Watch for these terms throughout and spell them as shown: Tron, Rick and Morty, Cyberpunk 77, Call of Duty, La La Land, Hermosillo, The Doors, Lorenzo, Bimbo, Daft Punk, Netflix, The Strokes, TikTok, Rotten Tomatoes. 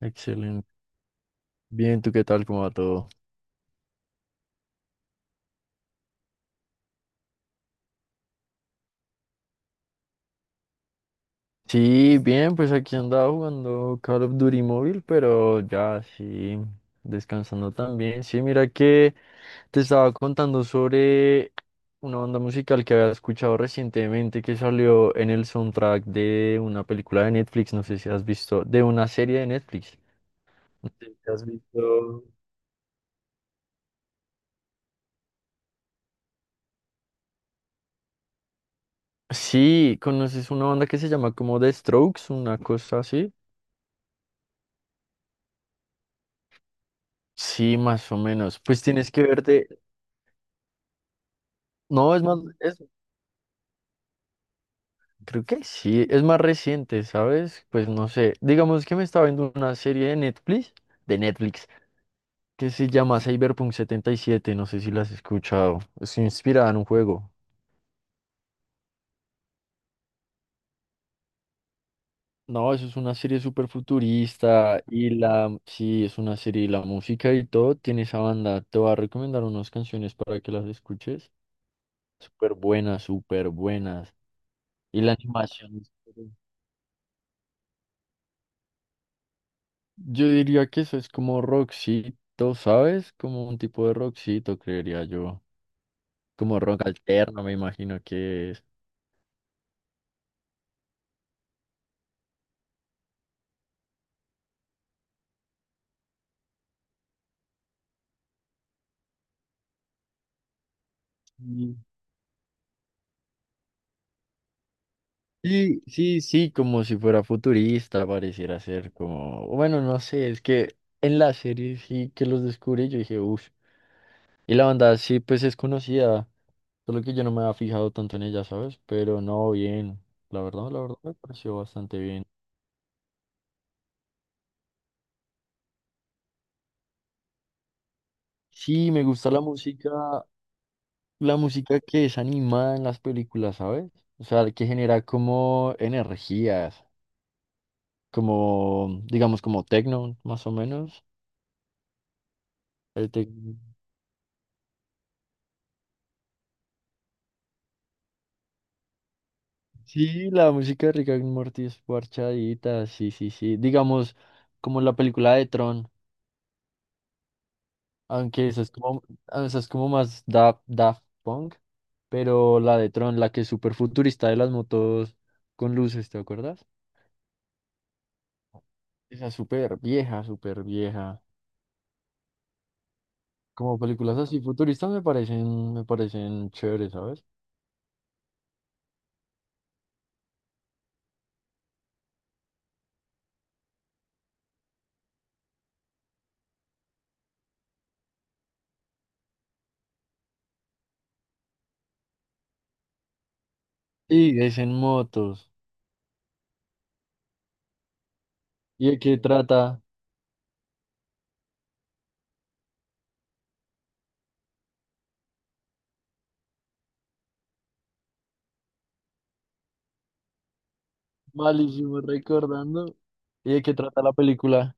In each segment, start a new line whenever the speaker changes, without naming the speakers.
Excelente. Bien, ¿tú qué tal? ¿Cómo va todo? Sí, bien, pues aquí andaba jugando Call of Duty móvil, pero ya sí, descansando también. Sí, mira que te estaba contando sobre una banda musical que había escuchado recientemente que salió en el soundtrack de una película de Netflix, no sé si has visto, de una serie de Netflix. No sé si has visto. Sí, ¿conoces una banda que se llama como The Strokes, una cosa así? Sí, más o menos. Pues tienes que verte. No, es más, es, creo que sí, es más reciente, ¿sabes? Pues no sé, digamos que me estaba viendo una serie de Netflix, de Netflix, que se llama Cyberpunk 77, no sé si la has escuchado, es inspirada en un juego. No, eso es una serie súper futurista y sí, es una serie y la música y todo, tiene esa banda, te voy a recomendar unas canciones para que las escuches, súper buenas, y la animación. Yo diría que eso es como rockcito, ¿sabes? Como un tipo de rockcito, creería yo. Como rock alterno, me imagino que es. Mm. Sí, sí, sí, como si fuera futurista, pareciera ser como, bueno, no sé, es que en la serie sí que los descubrí, yo dije, uff, y la banda sí, pues es conocida, solo que yo no me había fijado tanto en ella, ¿sabes? Pero no, bien, la verdad me pareció bastante bien. Sí, me gusta la música que es animada en las películas, ¿sabes? O sea, que genera como energías, como, digamos, como techno, más o menos. El tec- Sí, la música de Rick and Morty es parchadita, sí, sí, sí. Digamos, como la película de Tron, aunque esa es como más Daft Punk, pero la de Tron, la que es súper futurista de las motos con luces, ¿te acuerdas? Esa es súper vieja, súper vieja. Como películas así futuristas me parecen chéveres, ¿sabes? Y es en motos. ¿Y de qué trata? Malísimo recordando. ¿Y de qué trata la película?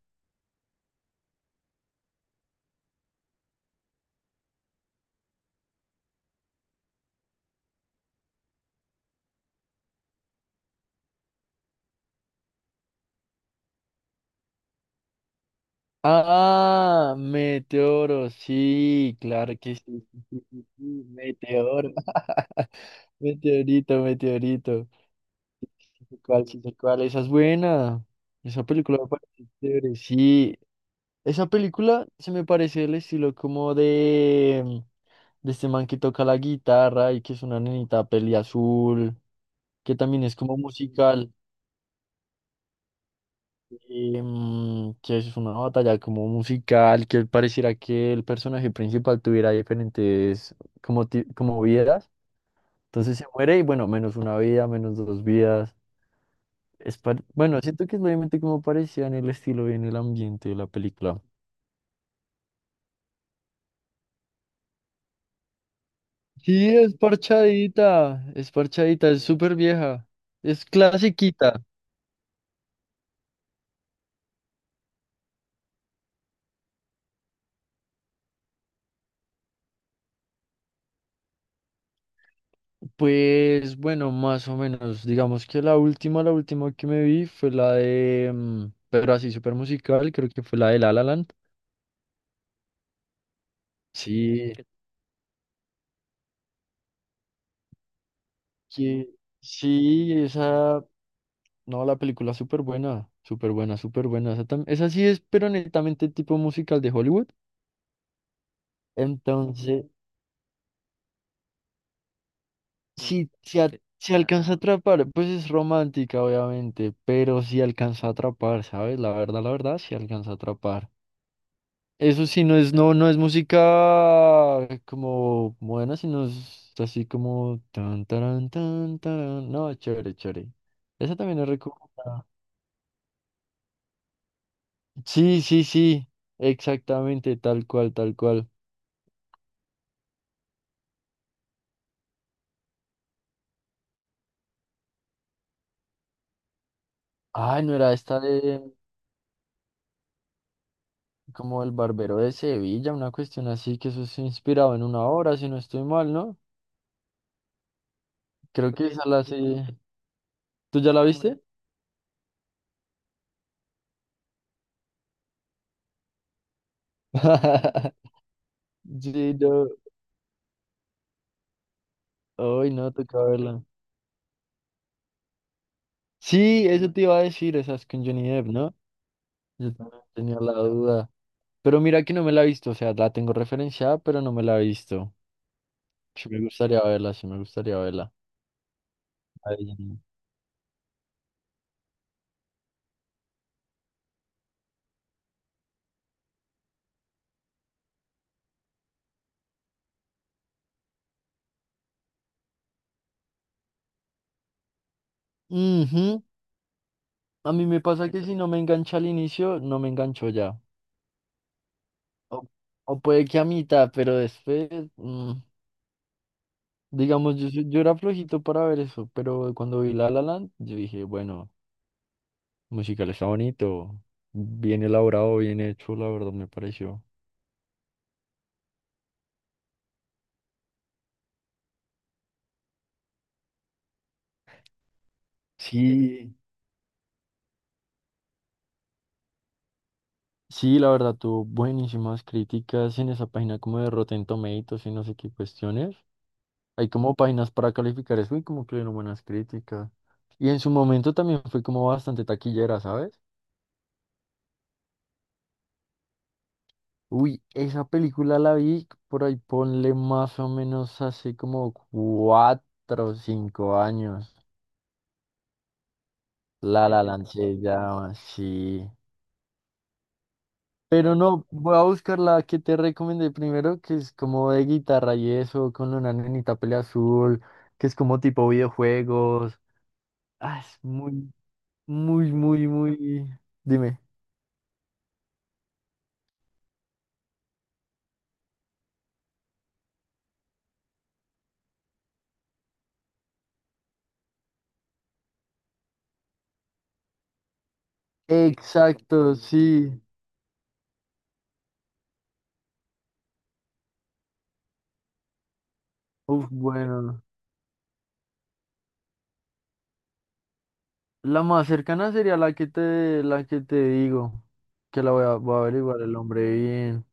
Ah, Meteoro, sí, claro que sí. Sí, sí, sí, sí, Meteoro. Meteorito, meteorito. Sí, ¿cuál? Sí sé cuál. Esa es buena. Esa película me parece chévere, sí. Esa película se me parece el estilo como de este man que toca la guitarra y que es una nenita peli azul, que también es como musical, que es una batalla como musical, que pareciera que el personaje principal tuviera diferentes como vidas. Entonces se muere y bueno, menos una vida, menos dos vidas. Bueno, siento que es obviamente como parecía en el estilo y en el ambiente de la película. Sí, es parchadita, es parchadita, es súper vieja, es clasiquita. Pues bueno, más o menos. Digamos que la última que me vi fue la de, pero así súper musical, creo que fue la de La La Land. Sí, que, sí, no, la película es súper buena, súper buena, súper buena. Esa sí es, pero netamente tipo musical de Hollywood. Entonces, sí, se alcanza a atrapar, pues es romántica, obviamente, pero sí alcanza a atrapar, ¿sabes? La verdad, sí alcanza a atrapar. Eso sí, no, no es música como buena, sino es así como tan, tarán, tan, tarán. No, chévere, chévere. Esa también es recomendada. Sí, sí, sí. Exactamente, tal cual, tal cual. Ay, no era esta de como el barbero de Sevilla, una cuestión así que eso es inspirado en una obra, si no estoy mal, ¿no? Creo que esa la sí. ¿Tú ya la viste? Sí, no. Ay, no, toca verla. Sí, eso te iba a decir, esa es con Johnny Depp, ¿no? Yo también tenía la duda. Pero mira que no me la he visto, o sea, la tengo referenciada, pero no me la he visto. Sí me gustaría verla, sí me gustaría verla. Ahí. Ujú. A mí me pasa que si no me engancha al inicio, no me engancho ya. O, o puede que a mitad, pero después, mm, digamos, yo era flojito para ver eso, pero cuando vi La La Land, yo dije, bueno, musical está bonito, bien elaborado, bien hecho, la verdad me pareció. Sí. Sí, la verdad, tuvo buenísimas críticas en esa página como de Rotten Tomatoes y no sé qué cuestiones. Hay como páginas para calificar eso y como que le dieron buenas críticas. Y en su momento también fue como bastante taquillera, ¿sabes? Uy, esa película la vi por ahí, ponle más o menos hace como 4 o 5 años. La La Land se llama, sí. Pero no, voy a buscar la que te recomendé primero, que es como de guitarra y eso, con una nenita pelea azul, que es como tipo videojuegos. Ah, es muy, muy, muy, muy. Dime. Exacto, sí. Uf, bueno. La más cercana sería la que te digo, que voy a averiguar el nombre bien.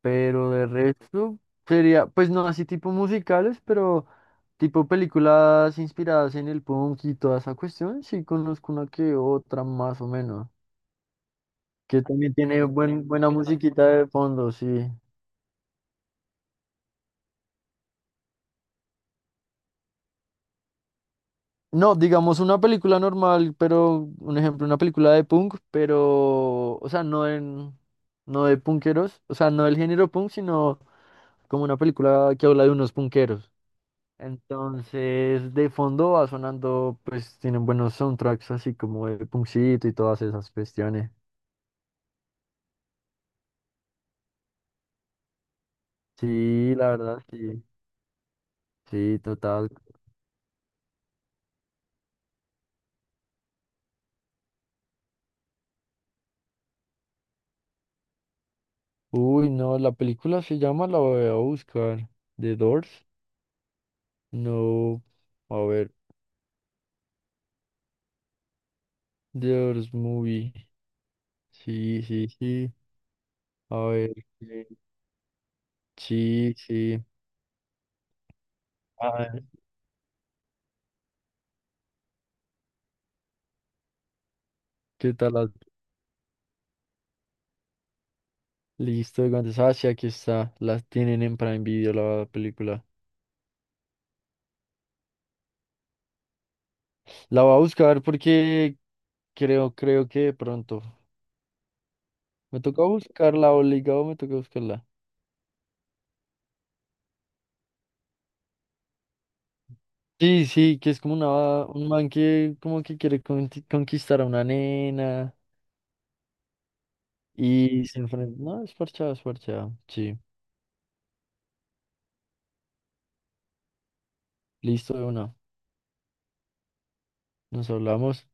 Pero de resto sería, pues no así tipo musicales, pero tipo películas inspiradas en el punk y toda esa cuestión, sí conozco una que otra más o menos, que también tiene buena musiquita de fondo, sí. No, digamos una película normal, pero un ejemplo, una película de punk, pero, o sea, no de punkeros, o sea, no del género punk, sino como una película que habla de unos punkeros. Entonces, de fondo va sonando, pues tienen buenos soundtracks así como de Punkcito y todas esas cuestiones. Sí, la verdad, sí. Sí, total. Uy, no, la película se llama, la voy a buscar. The Doors. No, a ver. The Doors Movie. Sí, sí, sí. A ver. eh, Sí, sí. Ah, ¿qué tal? la- Listo, entonces, sí, aquí está. Las tienen en Prime Video la película. La voy a buscar porque creo, creo que de pronto. Me toca buscarla, obligado me toca buscarla. Sí, sí, que es como un man que como que quiere conquistar a una nena y se enfrenta. No, es parchado, es parchado. Sí, listo de una. Nos hablamos.